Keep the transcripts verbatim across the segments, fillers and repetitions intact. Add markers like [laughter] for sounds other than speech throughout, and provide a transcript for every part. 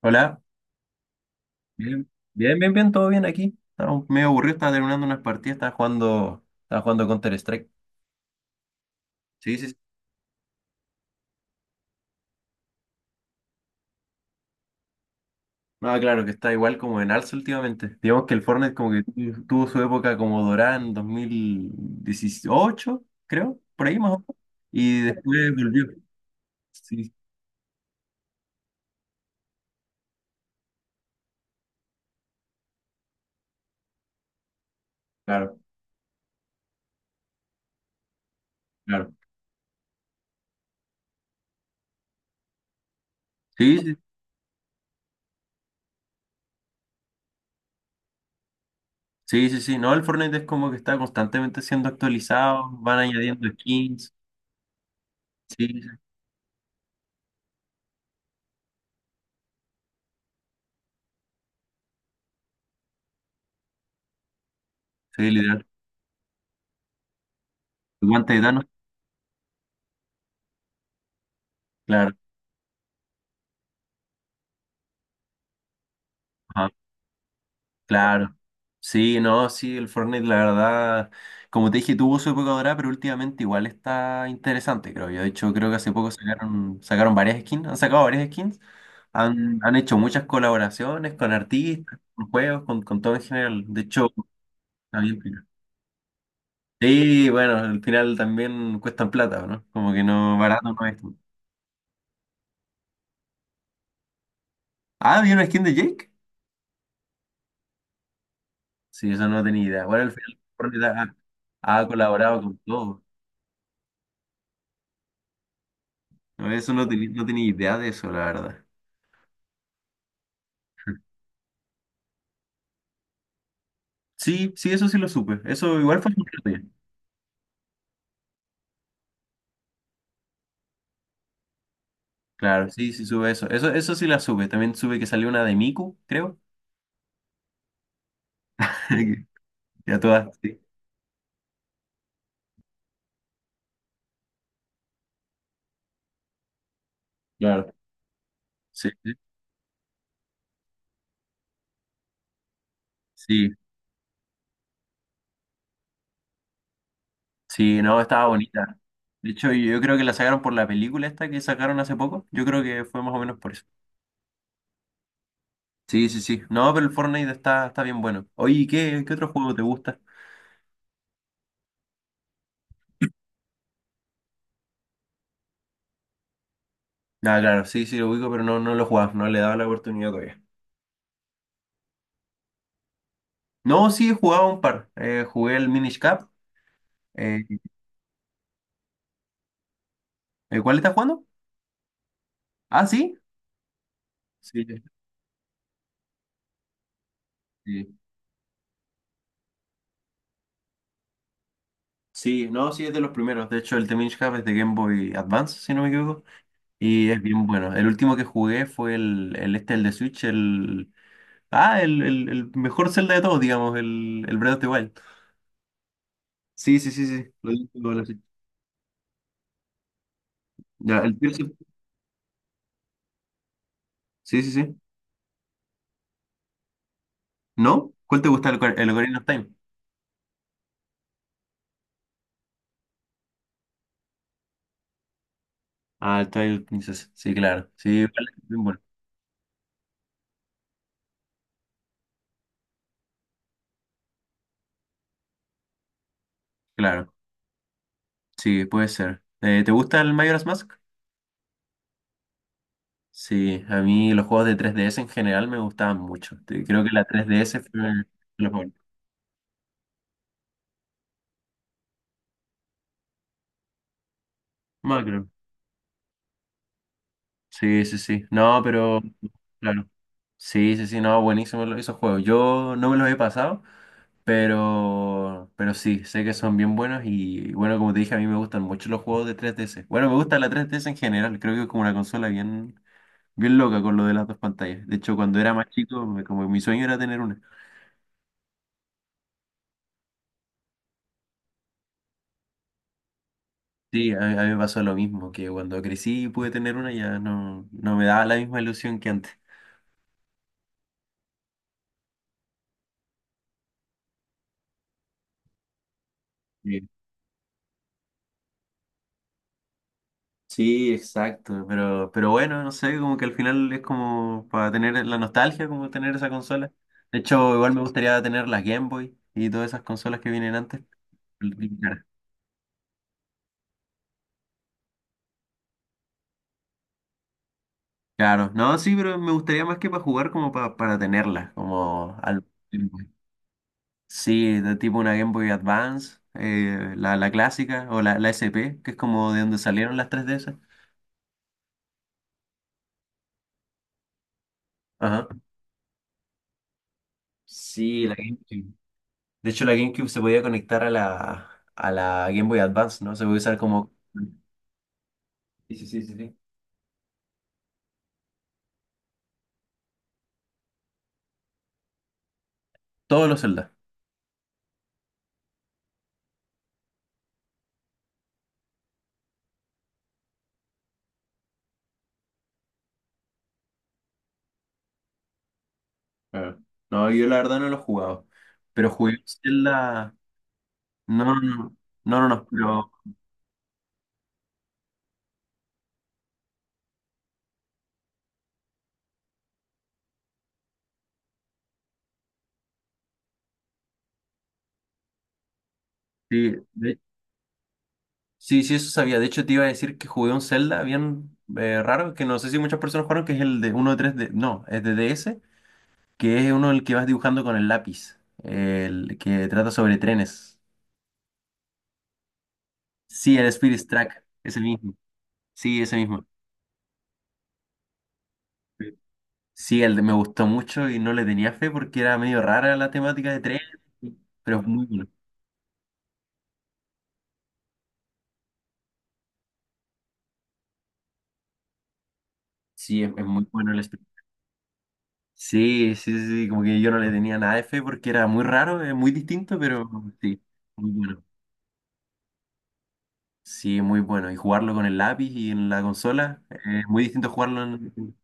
Hola, bien, bien, bien, bien, todo bien aquí. Estaba un- medio aburrido, estaba terminando unas partidas, estaba jugando, estaba jugando Counter-Strike. Sí, sí, sí. No, claro, que está igual como en alza últimamente. Digamos que el Fortnite como que tu- tuvo su época como dorada en dos mil dieciocho, creo, por ahí más o menos. Y después volvió. Sí, claro, claro. Sí, sí, sí, sí, sí. No, el Fortnite es como que está constantemente siendo actualizado, van añadiendo skins. Sí, sí, sí, literal. Guante de Thanos, claro. Claro. Sí, no, sí, el Fortnite, la verdad, como te dije, tuvo su época dorada, pero últimamente igual está interesante, creo yo. De hecho, creo que hace poco sacaron, sacaron varias skins, han sacado varias skins, han, han hecho muchas colaboraciones con artistas, con juegos, con, con todo en general. De hecho, está bien piola. Sí, bueno, al final también cuestan plata, ¿no? Como que no, barato no es. Ah, ¿vi una skin de Jake? Sí, eso no tenía idea. Bueno, al final Fortnite ha, ha colaborado con todo. No, eso no tenía, no tenía idea de eso, la verdad. Sí, sí, eso sí lo supe. Eso igual fue importante. Claro, sí, sí sube eso. Eso, eso sí la supe. También sube que salió una de Miku, creo. [laughs] Ya todas, sí. Claro. Sí, sí, sí, sí, no, estaba bonita. De hecho, yo creo que la sacaron por la película esta que sacaron hace poco. Yo creo que fue más o menos por eso. Sí, sí, sí. No, pero el Fortnite está, está bien bueno. Oye, ¿y ¿qué, qué otro juego te gusta? Ah, claro, sí, sí lo ubico, pero no, no lo he jugado, no le he dado la oportunidad todavía. No, sí, he jugado un par. Eh, jugué el Minish Cap. Eh, eh, ¿Cuál estás jugando? Ah, sí. Sí, sí. Sí, sí, no, sí, es de los primeros. De hecho, el The Minish Cap es de Game Boy Advance, si no me equivoco. Y es bien bueno. El último que jugué fue el, el este, el de Switch, el. Ah, el, el, el mejor Zelda de todos, digamos, el, el Breath of the Wild. Sí, sí, sí, sí. Lo dije, lo dije. Ya, el Tears of- sí, sí, sí. ¿No? ¿Cuál te gusta el, el Ocarina of Time? Ah, el Twilight Princess. Sí, claro. Sí, vale, bien bueno. Claro. Sí, puede ser. Eh, ¿te gusta el Majora's Mask? Sí, a mí los juegos de tres D S en general me gustaban mucho. Te- Creo que la tres D S fue el- los juegos. Macro. Sí, sí, sí. No, pero claro. Sí, sí, sí, no, buenísimo lo- esos juegos. Yo no me los he pasado, pero pero sí, sé que son bien buenos y bueno, como te dije, a mí me gustan mucho los juegos de tres D S. Bueno, me gusta la tres D S en general, creo que es como una consola bien bien loca con lo de las dos pantallas. De hecho, cuando era más chico, me- como mi sueño era tener una. Sí, a, a mí me pasó lo mismo, que cuando crecí y pude tener una ya no, no me daba la misma ilusión que antes. Sí, sí, exacto, pero, pero bueno, no sé, como que al final es como para tener la nostalgia, como tener esa consola. De hecho, igual me gustaría tener las Game Boy y todas esas consolas que vienen antes. Claro, no, sí, pero me gustaría más que para jugar, como para, para tenerlas, como al... Sí, de tipo una Game Boy Advance, eh, la, la clásica o la, la S P, que es como de donde salieron las tres de esas. Ajá. Sí, la GameCube. De hecho, la GameCube se podía conectar a la, a la Game Boy Advance, ¿no? Se podía usar como... Sí, sí, sí, sí, sí. Todos los Zelda. Claro. No, yo la verdad no lo he jugado. Pero jugué un Zelda... No, no, no, no, no, no, pero... Sí, de- sí, sí, eso sabía. De hecho, te iba a decir que jugué un Zelda bien eh, raro, que no sé si muchas personas jugaron, que es el de uno de tres d No, es de D S, que es uno el que vas dibujando con el lápiz, el que trata sobre trenes. Sí, el Spirit Track, es el mismo. Sí, ese mismo. Sí, el de me gustó mucho y no le tenía fe porque era medio rara la temática de tren, pero es muy bueno. Sí, es, es muy bueno el espectáculo. Sí, sí, sí, sí, como que yo no le tenía nada de fe porque era muy raro, es muy distinto, pero sí, muy bueno. Sí, muy bueno. Y jugarlo con el lápiz y en la consola, eh, es muy distinto jugarlo en...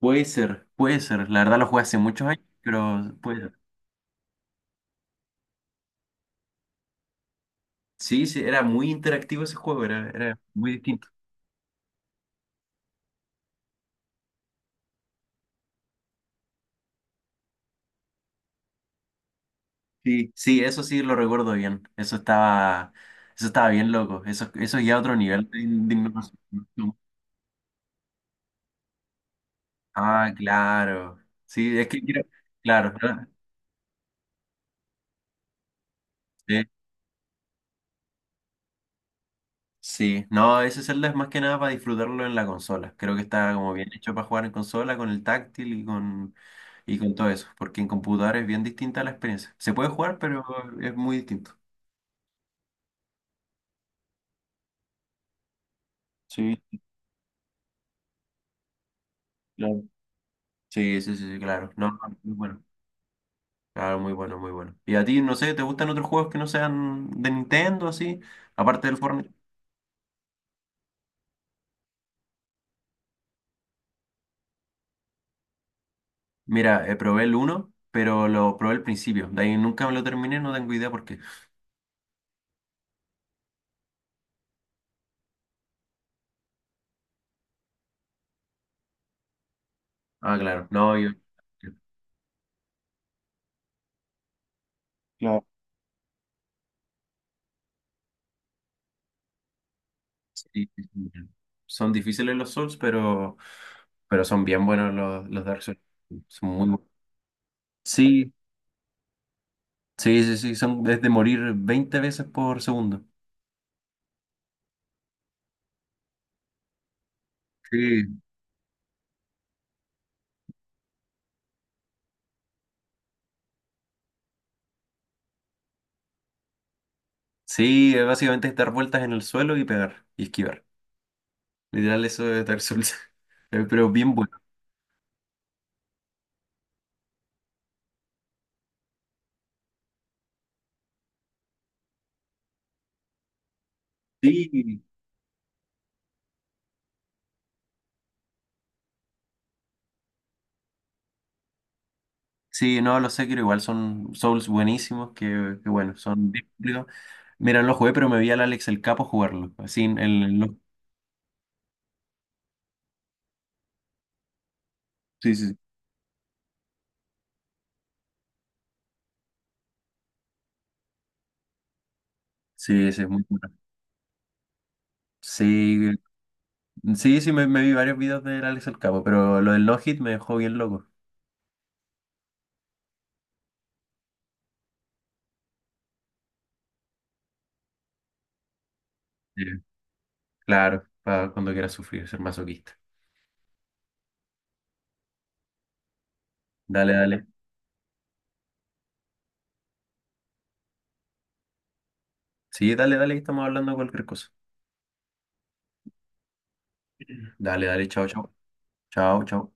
Puede ser, puede ser. La verdad lo jugué hace muchos años, pero puede ser. Sí, sí, era muy interactivo ese juego, era, era muy distinto. Sí, sí, eso sí lo recuerdo bien. Eso estaba, eso estaba bien loco. Eso, eso ya otro nivel de, de innovación. Ah, claro. Sí, es que creo- claro, ¿no? Sí, sí. No, ese celda es más que nada para disfrutarlo en la consola. Creo que está como bien hecho para jugar en consola, con el táctil y con y con todo eso. Porque en computador es bien distinta la experiencia. Se puede jugar, pero es muy distinto. Sí, claro. Sí, sí, sí, sí, claro. No, no, muy bueno. Claro, muy bueno, muy bueno. ¿Y a ti, no sé, te gustan otros juegos que no sean de Nintendo, así? Aparte del Fortnite. Mira, eh, probé el uno, pero lo probé al principio. De ahí nunca me lo terminé, no tengo idea por qué. Ah, claro. No, yo... Claro. Sí, sí, sí. Son difíciles los Souls, pero, pero son bien buenos los, los Dark Souls. Son muy buenos. Sí, sí, sí, sí, son es de morir veinte veces por segundo. Sí. Sí, es básicamente es dar vueltas en el suelo y pegar y esquivar. Literal, eso es Dark Souls. [laughs] Eh, Pero bien bueno. Sí. Sí, no, los Sekiro igual son Souls buenísimos, que, que bueno, son bien complicados. Mira, no lo jugué, pero me vi al Alex el Capo jugarlo. Así, en el, los- sí, sí. Sí, sí, ese es muy bueno. Sí, sí, sí, me, me vi varios videos del Alex el Capo, pero lo del no-hit me dejó bien loco. Sí. Claro, para cuando quieras sufrir, ser masoquista. Dale, dale. Sí, dale, dale, estamos hablando de cualquier cosa. Dale, dale, chao, chao. Chao, chao.